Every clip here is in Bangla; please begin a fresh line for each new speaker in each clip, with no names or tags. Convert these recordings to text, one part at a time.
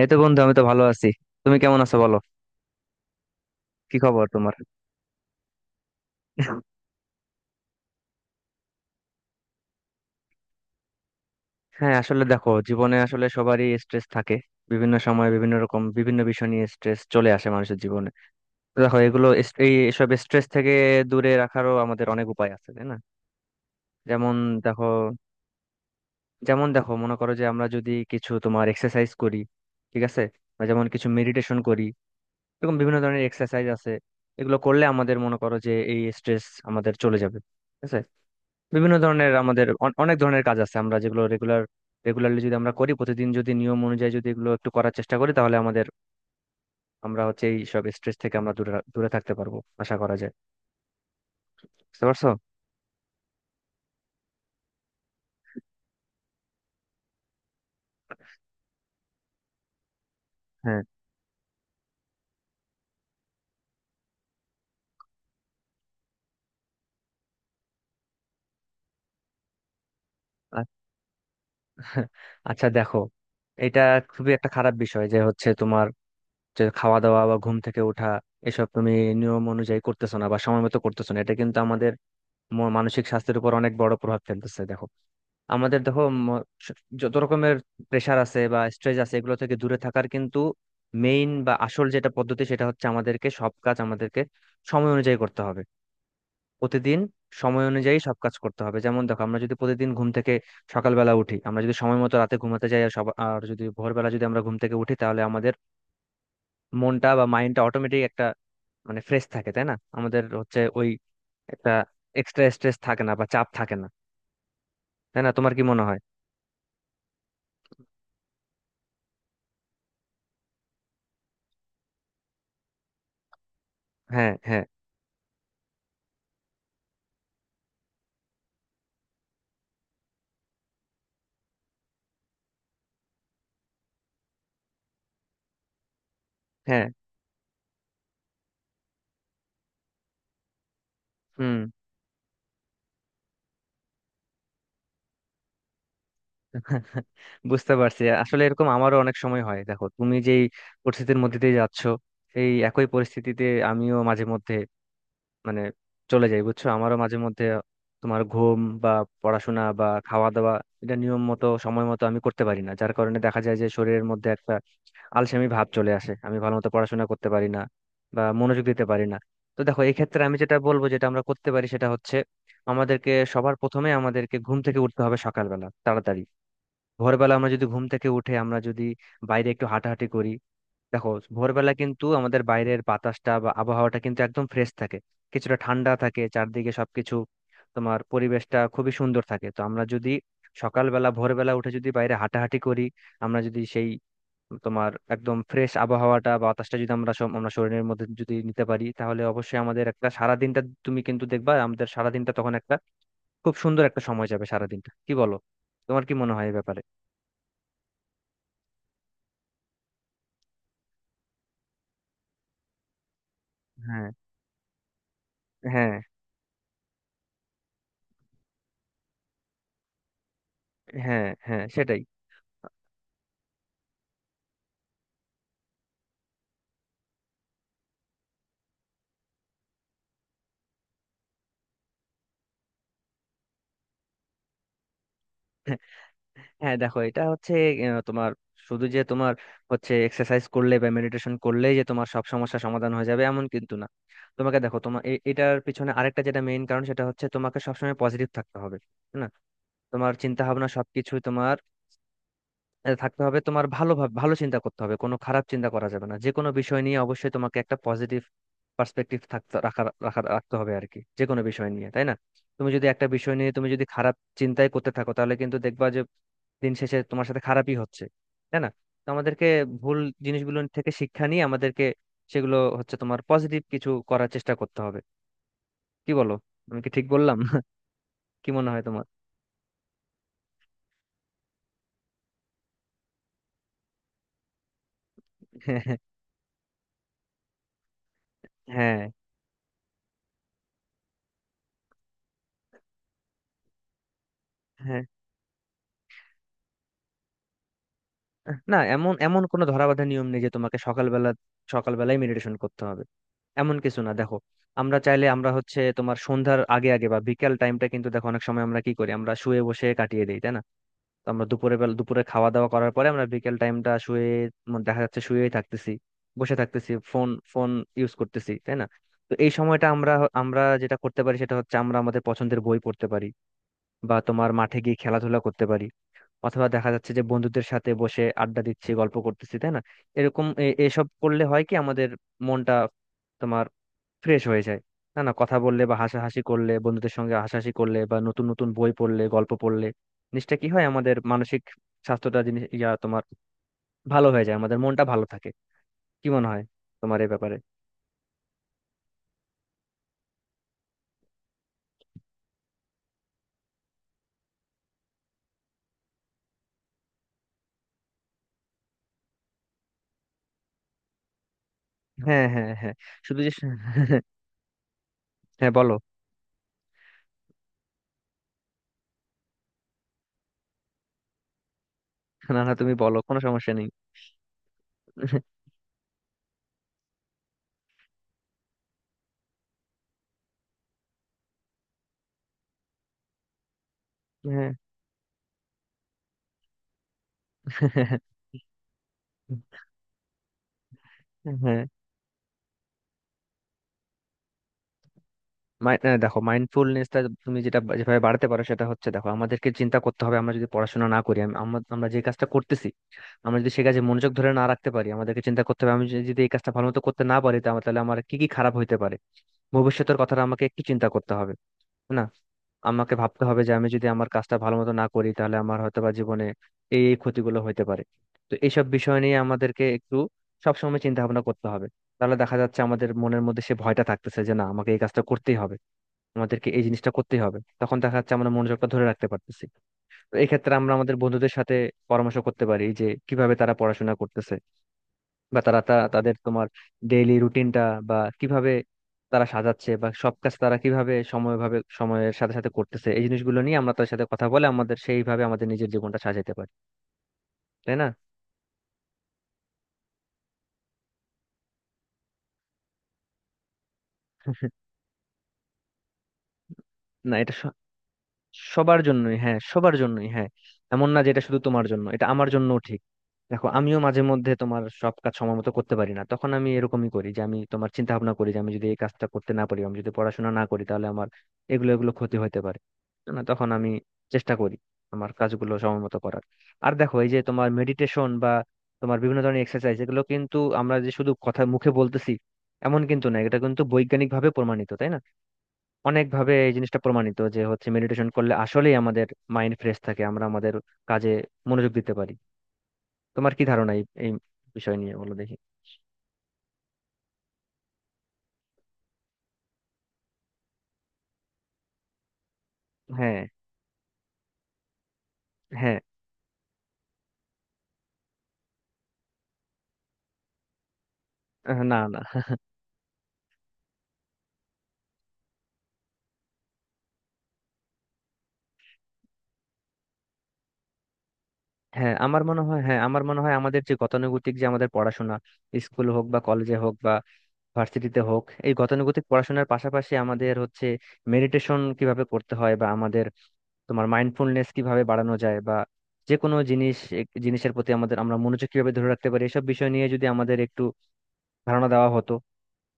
এই তো বন্ধু, আমি তো ভালো আছি। তুমি কেমন আছো বলো? কি খবর তোমার? হ্যাঁ, আসলে দেখো, জীবনে আসলে সবারই স্ট্রেস থাকে। বিভিন্ন সময় বিভিন্ন রকম বিভিন্ন বিষয় নিয়ে স্ট্রেস চলে আসে মানুষের জীবনে। তো দেখো, এগুলো এই এসব স্ট্রেস থেকে দূরে রাখারও আমাদের অনেক উপায় আছে, তাই না? যেমন দেখো, যেমন দেখো, মনে করো যে আমরা যদি কিছু তোমার এক্সারসাইজ করি, ঠিক আছে, বা যেমন কিছু মেডিটেশন করি। এরকম বিভিন্ন ধরনের এক্সারসাইজ আছে। এগুলো করলে আমাদের, মনে করো যে, এই স্ট্রেস আমাদের চলে যাবে, ঠিক আছে। বিভিন্ন ধরনের আমাদের অনেক ধরনের কাজ আছে আমরা যেগুলো রেগুলার, রেগুলারলি যদি আমরা করি, প্রতিদিন যদি নিয়ম অনুযায়ী যদি এগুলো একটু করার চেষ্টা করি তাহলে আমাদের, আমরা হচ্ছে এই সব স্ট্রেস থেকে আমরা দূরে থাকতে পারবো, আশা করা যায়। বুঝতে পারছো? হ্যাঁ, আ- আচ্ছা, দেখো, এটা খুবই একটা খারাপ বিষয় যে হচ্ছে তোমার, যে খাওয়া দাওয়া বা ঘুম থেকে ওঠা, এসব তুমি নিয়ম অনুযায়ী করতেছো না বা সময় মতো করতেছো না, এটা কিন্তু আমাদের মানসিক স্বাস্থ্যের উপর অনেক বড় প্রভাব ফেলতেছে। দেখো আমাদের, দেখো ম- স- যত রকমের প্রেশার আছে বা স্ট্রেস আছে এগুলো থেকে দূরে থাকার কিন্তু মেইন বা আসল যেটা পদ্ধতি সেটা হচ্ছে আমাদেরকে সব কাজ আমাদেরকে সময় অনুযায়ী করতে হবে। প্রতিদিন সময় অনুযায়ী সব কাজ করতে হবে। যেমন দেখো, আমরা যদি প্রতিদিন ঘুম থেকে সকালবেলা উঠি, আমরা যদি সময় মতো রাতে ঘুমাতে যাই, আর সব আর যদি ভোরবেলা যদি আমরা ঘুম থেকে উঠি, তাহলে আমাদের মনটা বা মাইন্ডটা অটোমেটিক একটা, মানে, ফ্রেশ থাকে, তাই না? আমাদের হচ্ছে ওই একটা এক্সট্রা স্ট্রেস থাকে না বা চাপ থাকে না, তাই না? তোমার কি মনে হয়? হ্যাঁ, হ্যাঁ, হ্যাঁ। হুম, বুঝতে পারছি। আসলে এরকম আমারও অনেক সময় হয়। দেখো, তুমি যেই পরিস্থিতির মধ্যে দিয়ে যাচ্ছ, এই একই পরিস্থিতিতে আমিও মাঝে মধ্যে, মানে, চলে যাই, বুঝছো? আমারও মাঝে মধ্যে তোমার ঘুম বা পড়াশোনা বা খাওয়া দাওয়া এটা নিয়ম মতো সময় মতো আমি করতে পারি না, যার কারণে দেখা যায় যে শরীরের মধ্যে একটা আলসেমি ভাব চলে আসে, আমি ভালো মতো পড়াশোনা করতে পারি না বা মনোযোগ দিতে পারি না। তো দেখো, এই ক্ষেত্রে আমি যেটা বলবো, যেটা আমরা করতে পারি, সেটা হচ্ছে আমাদেরকে সবার প্রথমে আমাদেরকে ঘুম থেকে উঠতে হবে সকালবেলা তাড়াতাড়ি। ভোরবেলা আমরা যদি ঘুম থেকে উঠে আমরা যদি বাইরে একটু হাঁটাহাঁটি করি, দেখো ভোরবেলা কিন্তু আমাদের বাইরের বাতাসটা বা আবহাওয়াটা কিন্তু একদম ফ্রেশ থাকে, কিছুটা ঠান্ডা থাকে, চারদিকে সবকিছু তোমার পরিবেশটা খুবই সুন্দর থাকে। তো আমরা যদি সকালবেলা ভোরবেলা উঠে যদি বাইরে হাঁটাহাঁটি করি, আমরা যদি সেই তোমার একদম ফ্রেশ আবহাওয়াটা বা বাতাসটা যদি আমরা সব আমরা শরীরের মধ্যে যদি নিতে পারি, তাহলে অবশ্যই আমাদের একটা সারাদিনটা, তুমি কিন্তু দেখবা আমাদের সারাদিনটা তখন একটা খুব সুন্দর একটা সময় যাবে সারাদিনটা। কি বলো? তোমার কি মনে হয় এই ব্যাপারে? হ্যাঁ, হ্যাঁ, হ্যাঁ। হ্যাঁ, সেটাই। হ্যাঁ দেখো, এটা হচ্ছে, আহ, তোমার শুধু যে তোমার হচ্ছে এক্সারসাইজ করলে বা মেডিটেশন করলেই যে তোমার সব সমস্যা সমাধান হয়ে যাবে, এমন কিন্তু না। তোমাকে দেখো, তোমার এটার পিছনে আরেকটা যেটা মেইন কারণ, সেটা হচ্ছে তোমাকে সবসময় পজিটিভ থাকতে হবে, তাই না? তোমার চিন্তা ভাবনা সবকিছু তোমার, আহ, থাকতে হবে। তোমার ভালো ভালো চিন্তা করতে হবে, কোনো খারাপ চিন্তা করা যাবে না। যে কোনো বিষয় নিয়ে অবশ্যই তোমাকে একটা পজিটিভ পার্সপেক্টিভ থাকতে রাখা রাখা রাখতে হবে আর কি, যে কোনো বিষয় নিয়ে, তাই না? তুমি যদি একটা বিষয় নিয়ে তুমি যদি খারাপ চিন্তাই করতে থাকো, তাহলে কিন্তু দেখবা যে দিন শেষে তোমার সাথে খারাপই হচ্ছে, তাই না? তো আমাদেরকে ভুল জিনিসগুলো থেকে শিক্ষা নিয়ে আমাদেরকে সেগুলো হচ্ছে তোমার পজিটিভ কিছু করার চেষ্টা করতে হবে। কি বলো? আমি কি ঠিক বললাম? কি মনে হয় তোমার? হ্যাঁ, হ্যাঁ, না এমন, এমন কোনো ধরাবাঁধা নিয়ম নেই যে তোমাকে সকালবেলা, সকালবেলায় মেডিটেশন করতে হবে, এমন কিছু না। দেখো, আমরা চাইলে আমরা হচ্ছে তোমার সন্ধ্যার আগে আগে বা বিকেল টাইমটা, কিন্তু দেখো অনেক সময় আমরা কি করি, আমরা শুয়ে বসে কাটিয়ে দিই, তাই না? তো আমরা দুপুরে বেলা, দুপুরে খাওয়া দাওয়া করার পরে আমরা বিকেল টাইমটা শুয়ে, মানে দেখা যাচ্ছে শুয়েই থাকতেছি, বসে থাকতেছি, ফোন ফোন ইউজ করতেছি, তাই না? তো এই সময়টা আমরা, আমরা যেটা করতে পারি সেটা হচ্ছে, আমরা আমাদের পছন্দের বই পড়তে পারি বা তোমার মাঠে গিয়ে খেলাধুলা করতে পারি, অথবা দেখা যাচ্ছে যে বন্ধুদের সাথে বসে আড্ডা দিচ্ছি, গল্প করতেছি, তাই না? এরকম এসব করলে হয় কি আমাদের মনটা তোমার ফ্রেশ হয়ে যায়। না না, কথা বললে বা হাসাহাসি করলে, বন্ধুদের সঙ্গে হাসাহাসি করলে বা নতুন নতুন বই পড়লে, গল্প পড়লে, জিনিসটা কি হয়, আমাদের মানসিক স্বাস্থ্যটা, জিনিস ইয়া তোমার, ভালো হয়ে যায়, আমাদের মনটা ভালো থাকে। কি মনে হয় তোমার এই ব্যাপারে? হ্যাঁ, হ্যাঁ, হ্যাঁ। শুধু যে হ্যাঁ, বলো। না না, তুমি বলো, কোনো সমস্যা নেই। হ্যাঁ। হ্যাঁ, আহ, দেখো, মাইন্ডফুলনেসটা তুমি যেটা, যেভাবে বাড়াতে পারো সেটা হচ্ছে, দেখো, আমাদেরকে চিন্তা করতে হবে আমরা যদি পড়াশোনা না করি, আমরা, আমরা যে কাজটা করতেছি, আমরা যদি সে কাজে মনোযোগ ধরে না রাখতে পারি, আমাদেরকে চিন্তা করতে হবে আমি যদি, যদি এই কাজটা ভালো মতো করতে না পারি তাহলে আমার কি কি খারাপ হইতে পারে, ভবিষ্যতের কথাটা আমাকে একটু চিন্তা করতে হবে, তাই না? আমাকে ভাবতে হবে যে আমি যদি আমার কাজটা ভালো মতো না করি, তাহলে আমার হয়তো বা জীবনে এই এই ক্ষতিগুলো হইতে পারে। তো এইসব বিষয় নিয়ে আমাদেরকে একটু সবসময় চিন্তা ভাবনা করতে হবে। তাহলে দেখা যাচ্ছে আমাদের মনের মধ্যে সে ভয়টা থাকতেছে যে না, আমাকে এই কাজটা করতেই হবে, আমাদেরকে এই জিনিসটা করতেই হবে, তখন দেখা যাচ্ছে আমরা মনোযোগটা ধরে রাখতে পারতেছি। তো এক্ষেত্রে আমরা আমাদের বন্ধুদের সাথে পরামর্শ করতে পারি যে কিভাবে তারা পড়াশোনা করতেছে, বা তারা তাদের তোমার ডেইলি রুটিনটা বা কিভাবে তারা সাজাচ্ছে, বা সব কাজ তারা কিভাবে সময়ভাবে, সময়ের সাথে সাথে করতেছে, এই জিনিসগুলো নিয়ে আমরা তাদের সাথে কথা বলে আমাদের সেইভাবে আমাদের নিজের জীবনটা সাজাতে পারি, তাই না? না, এটা সবার জন্যই, হ্যাঁ, সবার জন্যই, হ্যাঁ। এমন না যে এটা শুধু তোমার জন্য, এটা আমার জন্যও ঠিক। দেখো, আমিও মাঝে মধ্যে তোমার সব কাজ সময় মতো করতে পারি না, তখন আমি এরকমই করি যে আমি তোমার চিন্তা ভাবনা করি যে আমি যদি এই কাজটা করতে না পারি, আমি যদি পড়াশোনা না করি, তাহলে আমার এগুলো, এগুলো ক্ষতি হতে পারে। না, তখন আমি চেষ্টা করি আমার কাজগুলো সময় মতো করার। আর দেখো, এই যে তোমার মেডিটেশন বা তোমার বিভিন্ন ধরনের এক্সারসাইজ, এগুলো কিন্তু আমরা যে শুধু কথা মুখে বলতেছি, এমন কিন্তু না, এটা কিন্তু বৈজ্ঞানিক ভাবে প্রমাণিত, তাই না? অনেকভাবে এই জিনিসটা প্রমাণিত যে হচ্ছে মেডিটেশন করলে আসলেই আমাদের মাইন্ড ফ্রেশ থাকে, আমরা আমাদের কাজে মনোযোগ দিতে পারি। তোমার কি ধারণা এই এই বিষয় নিয়ে, বলো দেখি। হ্যাঁ, হ্যাঁ, আহ, না না, হ্যাঁ আমার মনে হয়, হ্যাঁ আমার মনে হয় আমাদের যে গতানুগতিক যে আমাদের পড়াশোনা, স্কুল হোক বা কলেজে হোক বা ভার্সিটিতে হোক, এই গতানুগতিক পড়াশোনার পাশাপাশি আমাদের হচ্ছে মেডিটেশন কিভাবে করতে হয়, বা আমাদের তোমার মাইন্ডফুলনেস কিভাবে বাড়ানো যায়, বা যে কোনো জিনিস জিনিসের প্রতি আমাদের আমরা মনোযোগ কিভাবে ধরে রাখতে পারি, এসব বিষয় নিয়ে যদি আমাদের একটু ধারণা দেওয়া হতো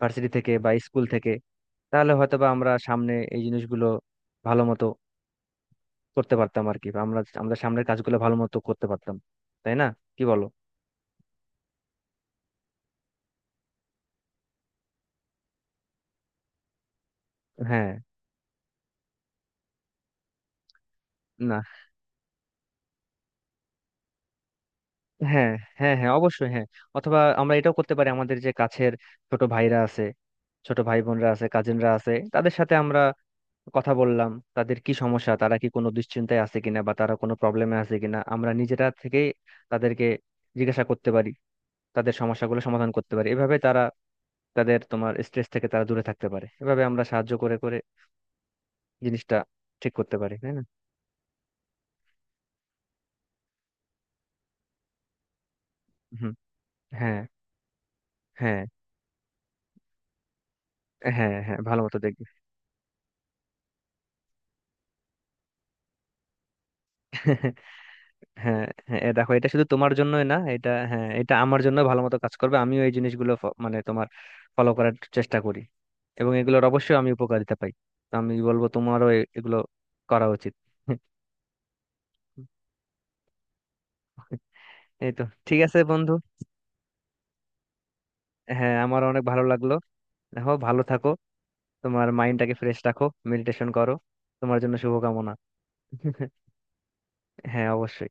ভার্সিটি থেকে বা স্কুল থেকে, তাহলে হয়তোবা আমরা সামনে এই জিনিসগুলো ভালো মতো করতে পারতাম আর কি, বা আমরা আমাদের সামনের কাজগুলো ভালো মতো করতে পারতাম, তাই না? কি বলো? হ্যাঁ, না, হ্যাঁ, হ্যাঁ, হ্যাঁ, অবশ্যই, হ্যাঁ। অথবা আমরা এটাও করতে পারি, আমাদের যে কাছের ছোট ভাইরা আছে, ছোট ভাই বোনরা আছে, কাজিনরা আছে, তাদের সাথে আমরা কথা বললাম, তাদের কি সমস্যা, তারা কি কোনো দুশ্চিন্তায় আছে কিনা বা তারা কোনো প্রবলেমে আছে কিনা, আমরা নিজেরা থেকেই তাদেরকে জিজ্ঞাসা করতে পারি, তাদের সমস্যাগুলো সমাধান করতে পারি। এভাবে তারা তাদের তোমার স্ট্রেস থেকে তারা দূরে থাকতে পারে, এভাবে আমরা সাহায্য করে করে জিনিসটা ঠিক করতে পারি, তাই না? হুম। হ্যাঁ, হ্যাঁ, হ্যাঁ। হ্যাঁ, ভালো মতো দেখবে। হ্যাঁ, হ্যাঁ, এ দেখো, এটা শুধু তোমার জন্যই না, এটা, হ্যাঁ, এটা আমার জন্য ভালো মতো কাজ করবে। আমিও এই জিনিসগুলো মানে তোমার ফলো করার চেষ্টা করি, এবং এগুলোর অবশ্যই আমি উপকারিতা পাই। তো আমি বলবো তোমারও এগুলো করা উচিত। এই তো। ঠিক আছে বন্ধু। হ্যাঁ, আমার অনেক ভালো লাগলো। দেখো, ভালো থাকো, তোমার মাইন্ডটাকে ফ্রেশ রাখো, মেডিটেশন করো। তোমার জন্য শুভকামনা। হ্যাঁ, অবশ্যই।